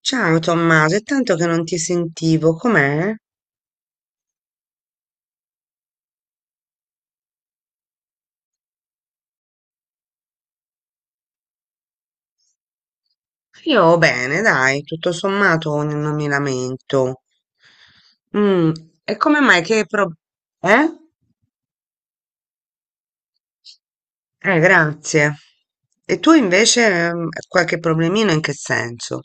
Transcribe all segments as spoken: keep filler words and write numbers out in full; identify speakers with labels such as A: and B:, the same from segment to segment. A: Ciao Tommaso, è tanto che non ti sentivo, com'è? Io bene, dai, tutto sommato n- non mi lamento. Mm, e come mai che pro- Eh? Eh, grazie. E tu invece ehm, qualche problemino in che senso?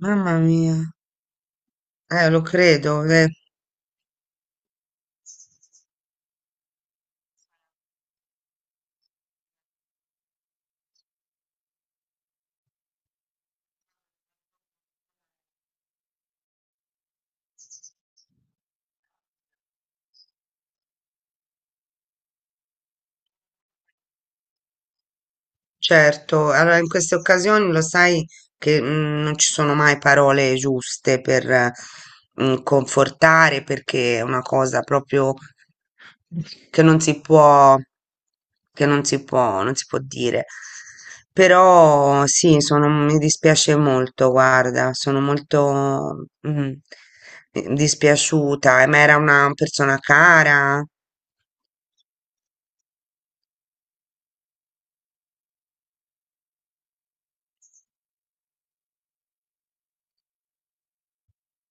A: Mamma mia, eh, lo credo, eh. Certo, allora in queste occasioni lo sai che mm, non ci sono mai parole giuste per eh, mm, confortare perché è una cosa proprio che non si può, che non si può, non si può dire. Però sì, sono- mi dispiace molto, guarda, sono molto mm, eh, dispiaciuta, eh, ma era una persona cara,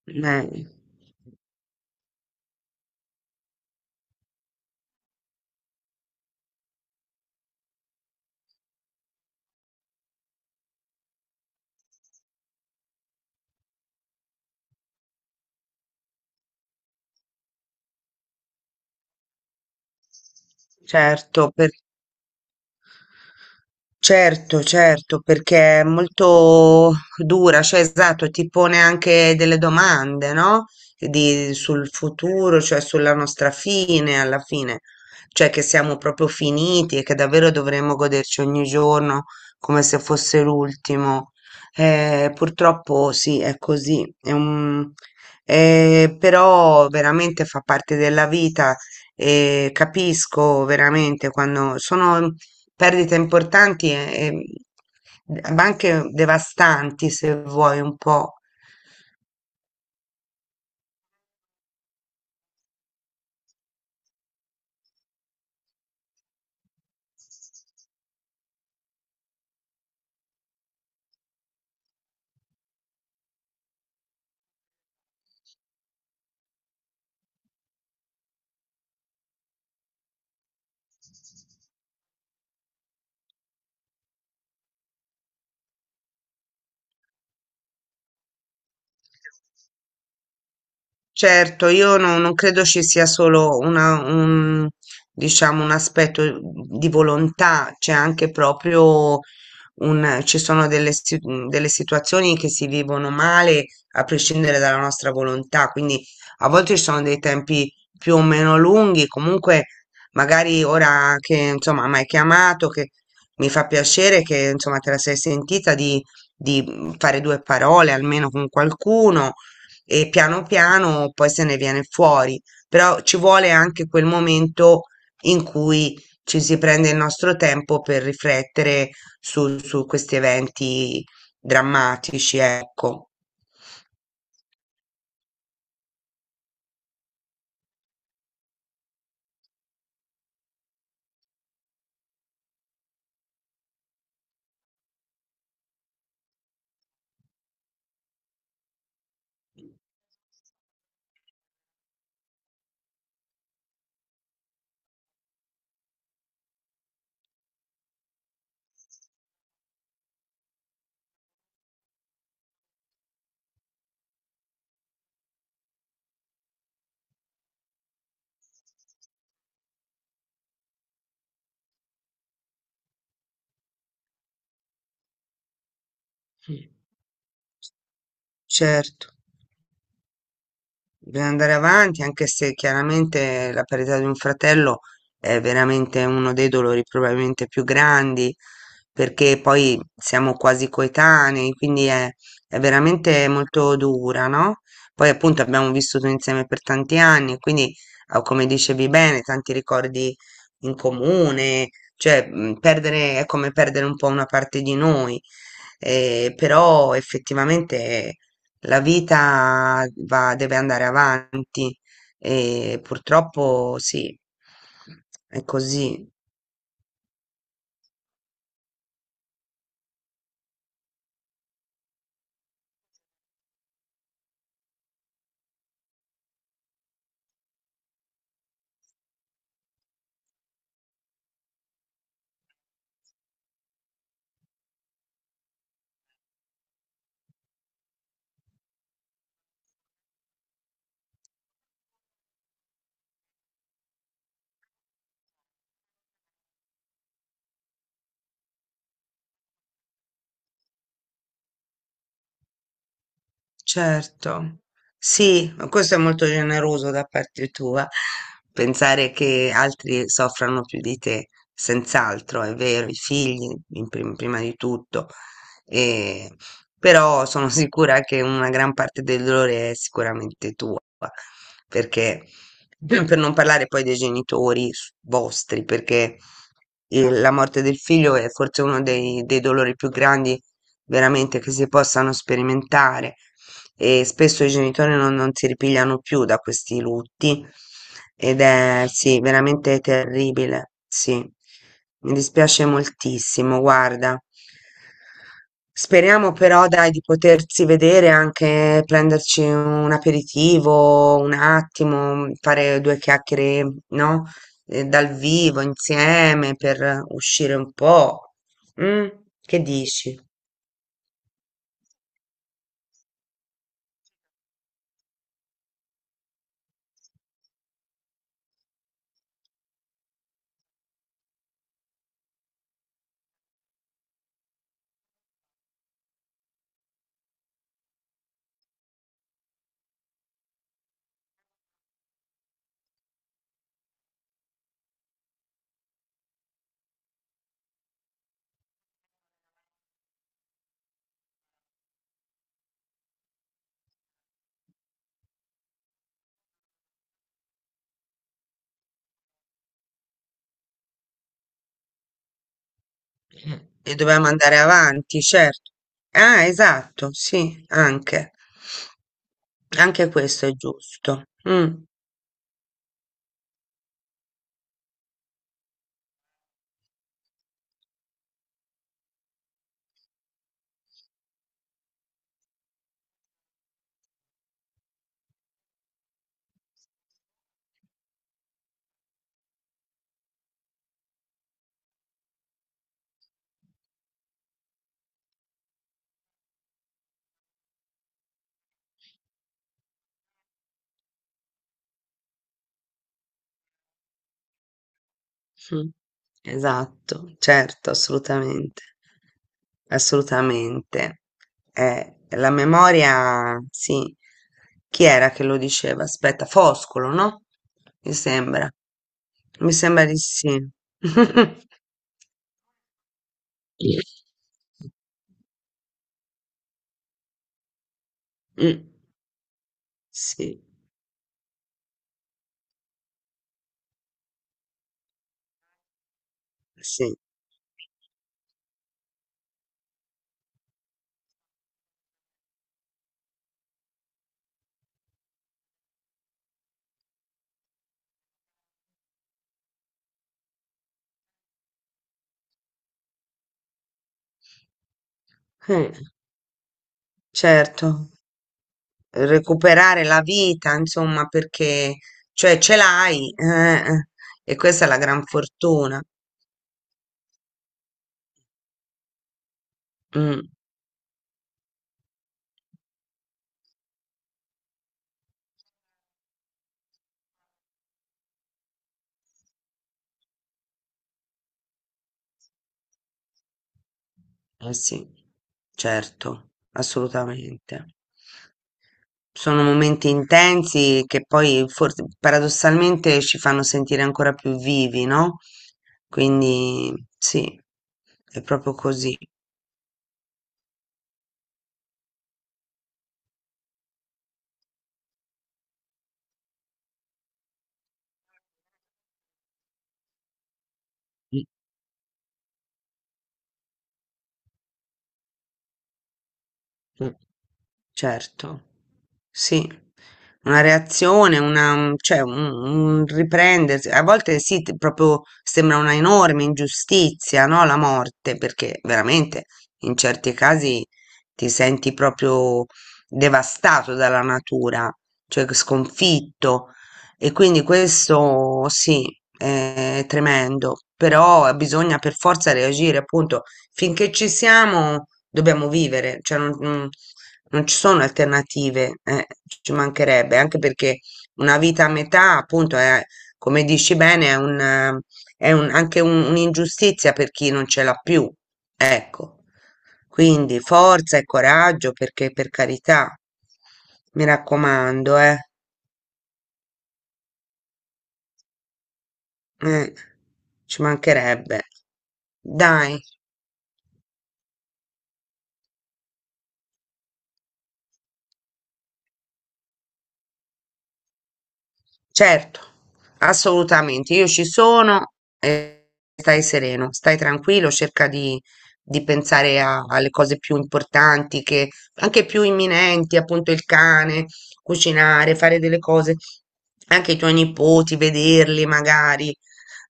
A: eh, certo. Certo, certo, perché è molto dura, cioè esatto, ti pone anche delle domande, no? Di- sul futuro, cioè sulla nostra fine alla fine, cioè che siamo proprio finiti e che davvero dovremmo goderci ogni giorno come se fosse l'ultimo. Eh, purtroppo sì, è così, è un- eh, però veramente fa parte della vita e capisco veramente quando sono perdite importanti e, e- ma anche devastanti, se vuoi un po'. Certo, io no- non credo ci sia solo una, un, diciamo, un aspetto di volontà, c'è anche proprio un- ci sono delle, si- delle situazioni che si vivono male a prescindere dalla nostra volontà, quindi a volte ci sono dei tempi più o meno lunghi, comunque magari ora che insomma mi hai chiamato, che mi fa piacere che insomma te la sei sentita di, di mm, fare due parole almeno con qualcuno e piano piano poi se ne viene fuori, però ci vuole anche quel momento in cui ci si prende il nostro tempo per riflettere su, su questi eventi drammatici, ecco. Certo, bisogna andare avanti, anche se chiaramente la perdita di un fratello è veramente uno dei dolori probabilmente più grandi, perché poi siamo quasi coetanei, quindi è, è veramente molto dura, no? Poi appunto abbiamo vissuto insieme per tanti anni, quindi ah, come dicevi bene, tanti ricordi in comune, cioè mh, perdere è come perdere un po' una parte di noi eh, però effettivamente la vita va- deve andare avanti e purtroppo sì, è così. Certo, sì, ma questo è molto generoso da parte tua, pensare che altri soffrano più di te, senz'altro, è vero, i figli in prim- prima di tutto, e- però sono sicura che una gran parte del dolore è sicuramente tua, perché per non parlare poi dei genitori s- vostri, perché eh, la morte del figlio è forse uno dei dei dolori più grandi veramente che si possano sperimentare e spesso i genitori non, non si ripigliano più da questi lutti ed è sì, veramente terribile, sì. Mi dispiace moltissimo, guarda. Speriamo però, dai, di potersi vedere anche, prenderci un aperitivo, un attimo, fare due chiacchiere, no? Eh, dal vivo insieme per uscire un po'. Mm? Che dici? E dovevamo andare avanti, certo. Ah, esatto, sì, anche. Anche questo è giusto. Mm, mm. Esatto, certo, assolutamente. Assolutamente. Eh, la memoria, sì. Chi era che lo diceva? Aspetta, Foscolo, no? Mi sembra. Mi sembra di sì. Mm, sì, sì. Eh, certo. Recuperare la vita, insomma, perché cioè ce l'hai, eh, eh, e questa è la gran fortuna. Mm, eh sì, certo, assolutamente. Sono momenti intensi che poi forse paradossalmente ci fanno sentire ancora più vivi, no? Quindi sì, è proprio così. Mm, mm. Certo. Sì, una reazione, una mhmm, cioè un un riprendersi. A volte sì, t proprio sembra una enorme ingiustizia, no, la morte, perché veramente in certi casi ti senti proprio devastato dalla natura, cioè c sconfitto. E quindi questo sì, è tremendo, però bisogna per forza reagire, appunto. Finché ci siamo dobbiamo vivere, cioè non, non- non ci sono alternative, eh, ci mancherebbe, anche perché una vita a metà, appunto, è, come dici bene, è un, eh, è un- anche un- un'ingiustizia per chi non ce l'ha più, ecco. Quindi forza e coraggio, perché per carità, mi raccomando, eh, eh, ci mancherebbe. Dai. Certo, assolutamente. Io ci sono, e stai sereno, stai tranquillo, cerca di, di pensare a- alle cose più importanti, che, anche più imminenti, appunto il cane, cucinare, fare delle cose, anche i tuoi nipoti, vederli magari.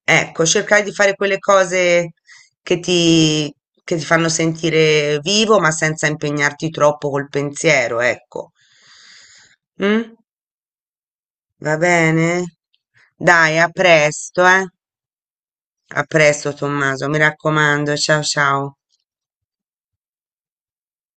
A: Ecco, cercare di fare quelle cose che ti, che ti fanno sentire vivo, ma senza impegnarti troppo col pensiero, ecco. Mm? Va bene? Dai, a presto, eh? A presto, Tommaso, mi raccomando. Ciao ciao.